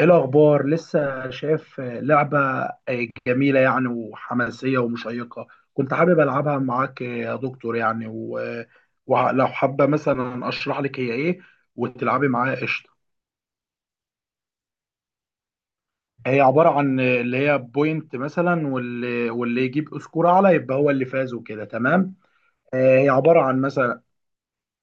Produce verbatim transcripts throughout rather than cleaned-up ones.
ايه الاخبار؟ لسه شايف لعبه جميله يعني وحماسيه ومشيقه. كنت حابب العبها معاك يا دكتور يعني و- ولو حابه مثلا اشرح لك هي ايه وتلعبي معايا قشطه. هي عباره عن اللي هي بوينت مثلا واللي واللي يجيب سكور اعلى يبقى هو اللي فاز وكده تمام. آه، هي عباره عن مثلا.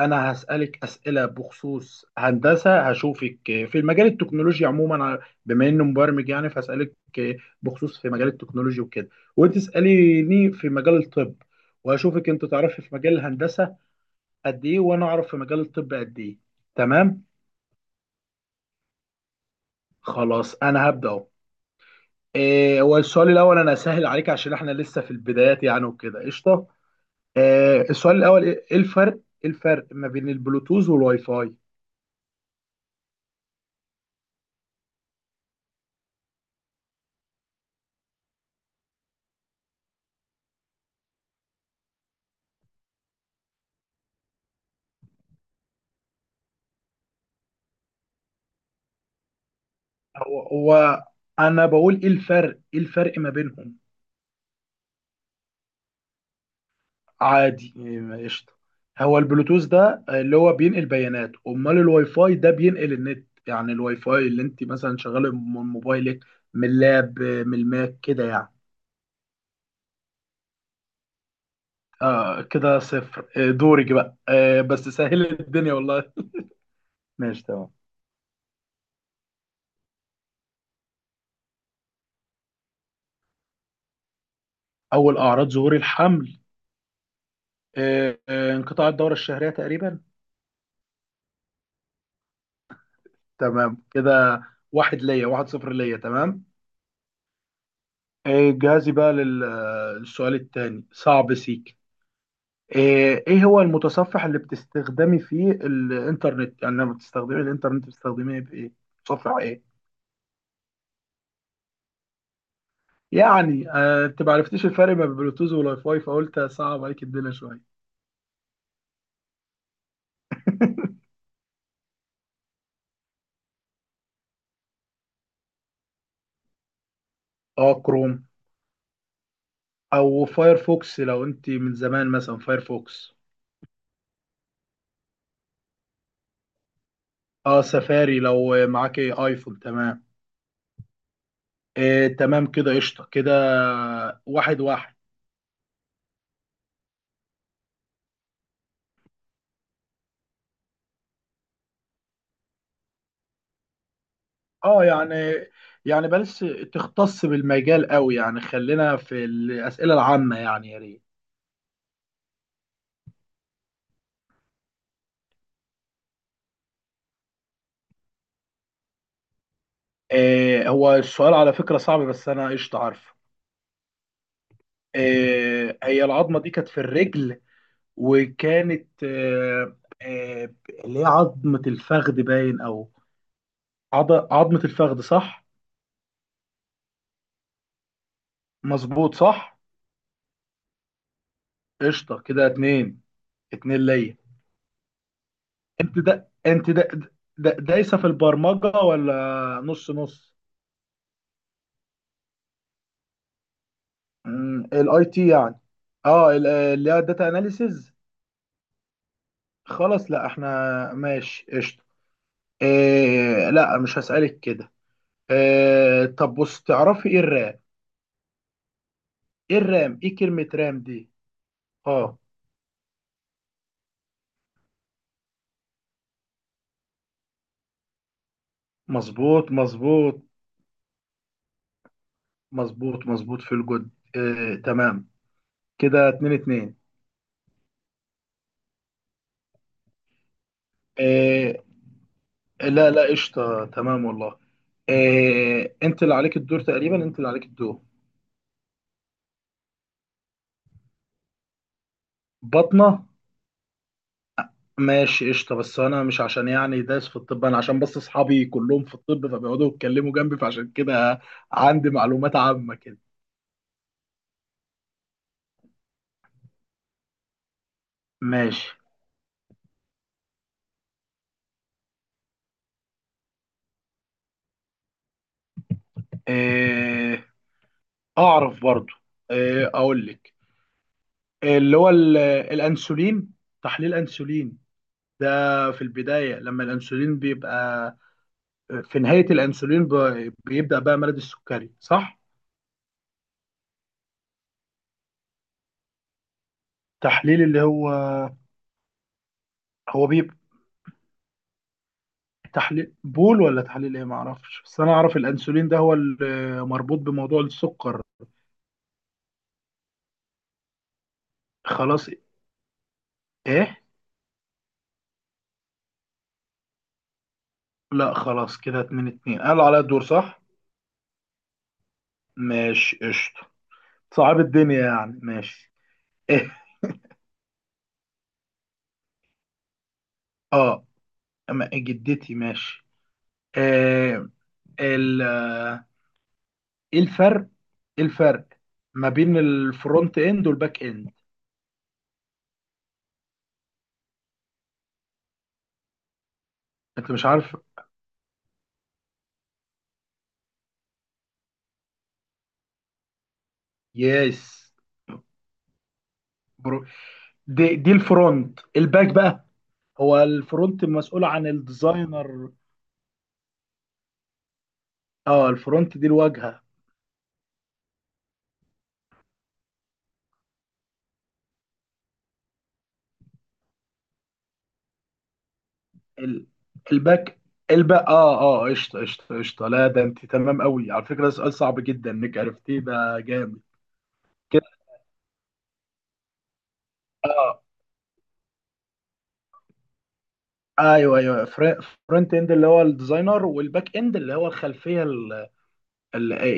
انا هسألك أسئلة بخصوص هندسة، هشوفك في المجال التكنولوجي عموما. بما انه مبرمج يعني فهسألك بخصوص في مجال التكنولوجي وكده، وانت اسأليني في مجال الطب. وهشوفك انت تعرفي في مجال الهندسة قد ايه، وانا اعرف في مجال الطب قد ايه. تمام. خلاص انا هبدأ اهو. إيه، هو السؤال الاول انا اسهل عليك عشان احنا لسه في البدايات يعني وكده قشطة. إيه، السؤال الاول ايه، إيه الفرق؟ إيه الفرق ما بين البلوتوث والواي فاي؟ هو هو. انا بقول ايه الفرق ايه الفرق ما بينهم. عادي، إيه، قشطه. هو البلوتوث ده اللي هو بينقل بيانات، امال الواي فاي ده بينقل النت. يعني الواي فاي اللي انت مثلا شغاله من موبايلك، من اللاب، من الماك كده يعني. آه، كده صفر. آه، دورك بقى. آه بس سهل الدنيا والله. ماشي تمام. اول اعراض ظهور الحمل. آه آه انقطاع الدوره الشهريه تقريبا. تمام كده. واحد ليا، واحد صفر ليا تمام. إيه، جاهزي بقى لل- للسؤال التاني صعب سيك. ايه إيه هو المتصفح اللي بتستخدمي فيه الانترنت؟ يعني لما بتستخدمي الانترنت بتستخدميه بايه؟ متصفح ايه؟ يعني، آه، انت ما عرفتيش الفرق بين بلوتوث والواي فاي فقلت صعب عليك الدنيا شويه. اه، كروم. او فايرفوكس لو انت من زمان، مثلا فايرفوكس. اه، سفاري لو معاك ايفون. تمام. إيه، تمام كده قشطه كده. واحد واحد. اه، يعني يعني بلاش تختص بالمجال قوي يعني. خلينا في الأسئلة العامة يعني يا ريت. آه هو السؤال على فكرة صعب، بس أنا قشطة عارفه. آه هي العظمة دي كانت في الرجل، وكانت آه آه اللي هي عظمة الفخذ باين، أو عض- عظمة الفخذ صح؟ مظبوط صح؟ قشطة كده، اتنين. اتنين ليا. انت ده انت ده ده. دايسة في البرمجة ولا نص نص؟ الاي تي يعني. اه، ال- اللي هي الداتا اناليسز. خلاص لا، احنا ماشي قشطه. إيه لا، مش هسألك كده. إيه، طب بص تعرفي ايه الرام؟ ايه الرام؟ ايه كلمة رام دي؟ اه. مظبوط مظبوط. مظبوط مظبوط في الجد. إيه تمام كده، اتنين اتنين. إيه، لا لا، قشطه تمام والله. إيه، انت اللي عليك الدور تقريبا، انت اللي عليك الدور. بطنة. ماشي قشطة، بس أنا مش عشان يعني دايس في الطب، أنا عشان بس أصحابي كلهم في الطب فبيقعدوا يتكلموا جنبي فعشان كده عندي معلومات عامة كده. ماشي. إيه، أعرف برضو. إيه، أقول لك. اللي هو ال- الأنسولين. تحليل أنسولين ده. في البداية لما الأنسولين بيبقى، في نهاية الأنسولين ب- بيبدأ بقى مرض السكري صح؟ تحليل اللي هو. هو بيبقى تحليل بول ولا تحليل ايه، ما اعرفش، بس انا اعرف الانسولين ده هو اللي مربوط بموضوع السكر. خلاص. ايه. لا خلاص، كده اتنين اتنين، قالوا عليا الدور صح. ماشي قشطة. صعب الدنيا يعني، ماشي. ايه. اه. أما جدتي ماشي. آه ال آه، ايه الفرق ايه الفرق ما بين الفرونت اند والباك اند. انت مش عارف؟ يس. برو. دي دي الفرونت الباك بقى. هو الفرونت مسؤول عن الديزاينر. اه، الفرونت دي الواجهه. ال- الباك الباك اه اه، قشطه قشطه قشطه. لا، ده انت تمام قوي على فكره، ده سؤال صعب جدا انك عرفتيه، ده جامد كده. ايوه ايوه. فرونت اند اللي هو الديزاينر، والباك اند اللي هو الخلفيه. ال-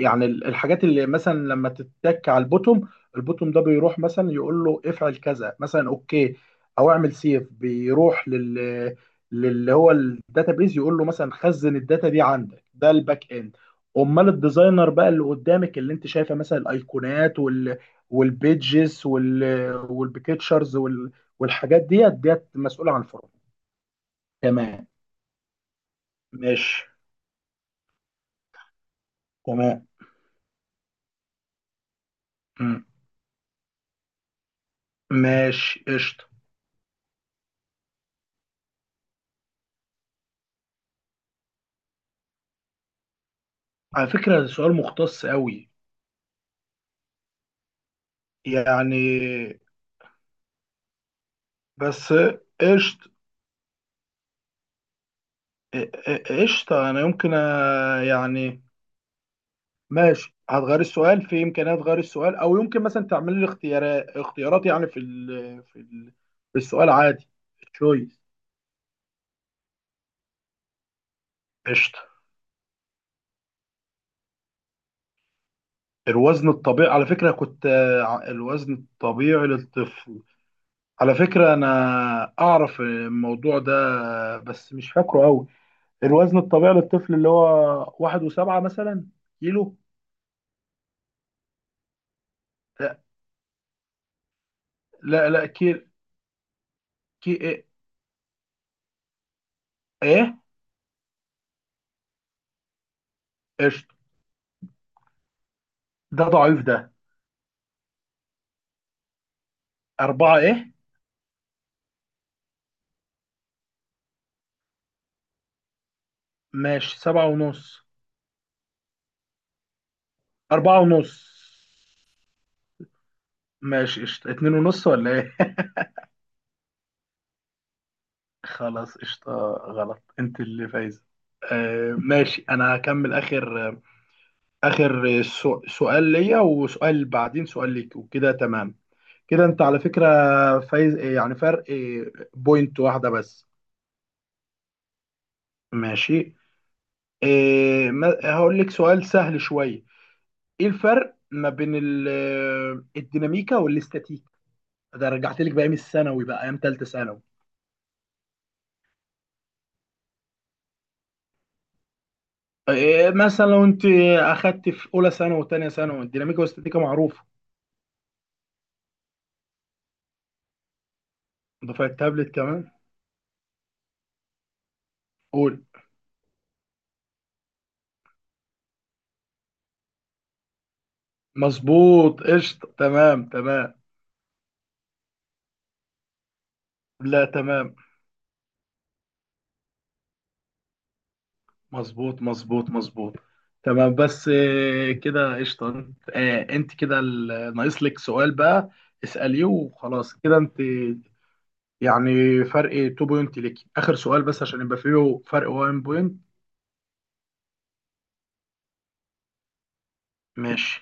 يعني ال- الحاجات اللي مثلا لما تتك على البوتوم، البوتوم ده بيروح مثلا يقول له افعل كذا مثلا اوكي. او اعمل سيف بيروح لل، للي هو الداتابيز يقول له مثلا خزن الداتا دي عندك، ده الباك اند. امال الديزاينر بقى اللي قدامك، اللي انت شايفه، مثلا الايقونات وال، والبيدجز وال، والبيكتشرز وال، والحاجات ديت ديت مسؤوله عن الفرونت. تمام. ماشي. تمام. مم. ماشي قشطه. على فكره ده سؤال مختص قوي يعني. بس قشط. قشطة أنا يمكن، آه، يعني ماشي هتغير السؤال، في إمكانية تغير السؤال أو يمكن مثلا تعمل لي اختيارات اختيارات يعني في ال في ال في السؤال عادي. تشويس. قشطة. الوزن الطبيعي على فكرة كنت، آه، ع- الوزن الطبيعي للطفل. على فكرة أنا أعرف الموضوع ده، آه، بس مش فاكره أوي. الوزن الطبيعي للطفل اللي هو واحد وسبعة مثلا كيلو. لا لا لا، كيلو. كي، ايه؟ ايه؟ قشطة. ده ضعيف ده. أربعة ايه؟ ماشي سبعة ونص. أربعة ونص. ماشي قشطة، اتنين ونص ولا ايه؟ خلاص قشطة غلط، انت اللي فايزة. آه ماشي انا هكمل اخر. اخر سو- سؤال ليا وسؤال بعدين سؤال ليك وكده تمام. كده انت على فكرة فايز، آه، يعني فرق بوينت واحدة بس. ماشي. آه ما- هقول لك سؤال سهل شوية. ايه الفرق ما بين ال- الديناميكا والاستاتيكا؟ ده رجعت لك بايام الثانوي بقى، ايام ثالثه ثانوي. إيه مثلا لو انت اخدت في اولى ثانوي وثانيه ثانوي الديناميكا والاستاتيكا معروفه. دفعه تابلت كمان. قول. مظبوط قشطه تمام تمام. لا تمام. مظبوط مظبوط مظبوط. تمام، بس إيه كده قشطه. إيه انت كده ال- ناقص لك سؤال بقى. اساليه وخلاص كده انت يعني فرق اتنين بوينت ليك. اخر سؤال بس عشان يبقى فيه فرق واحد بوينت. ماشي.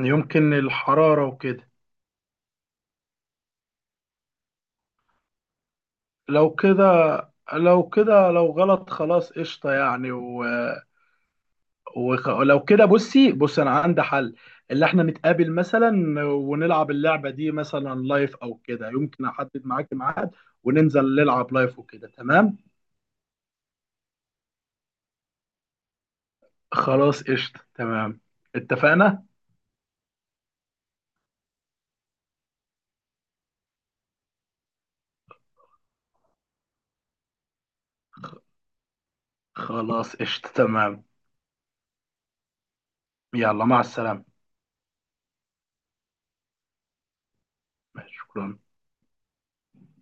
يمكن الحرارة وكده. لو كده، لو كده لو غلط خلاص قشطة يعني و... وخ... لو كده بصي بص انا عندي حل. اللي احنا نتقابل مثلا ونلعب اللعبة دي مثلا لايف او كده، يمكن احدد معاك ميعاد وننزل نلعب لايف وكده تمام. خلاص قشطة تمام. اتفقنا. خلاص قشطة تمام. يلا مع السلامة. شكرا.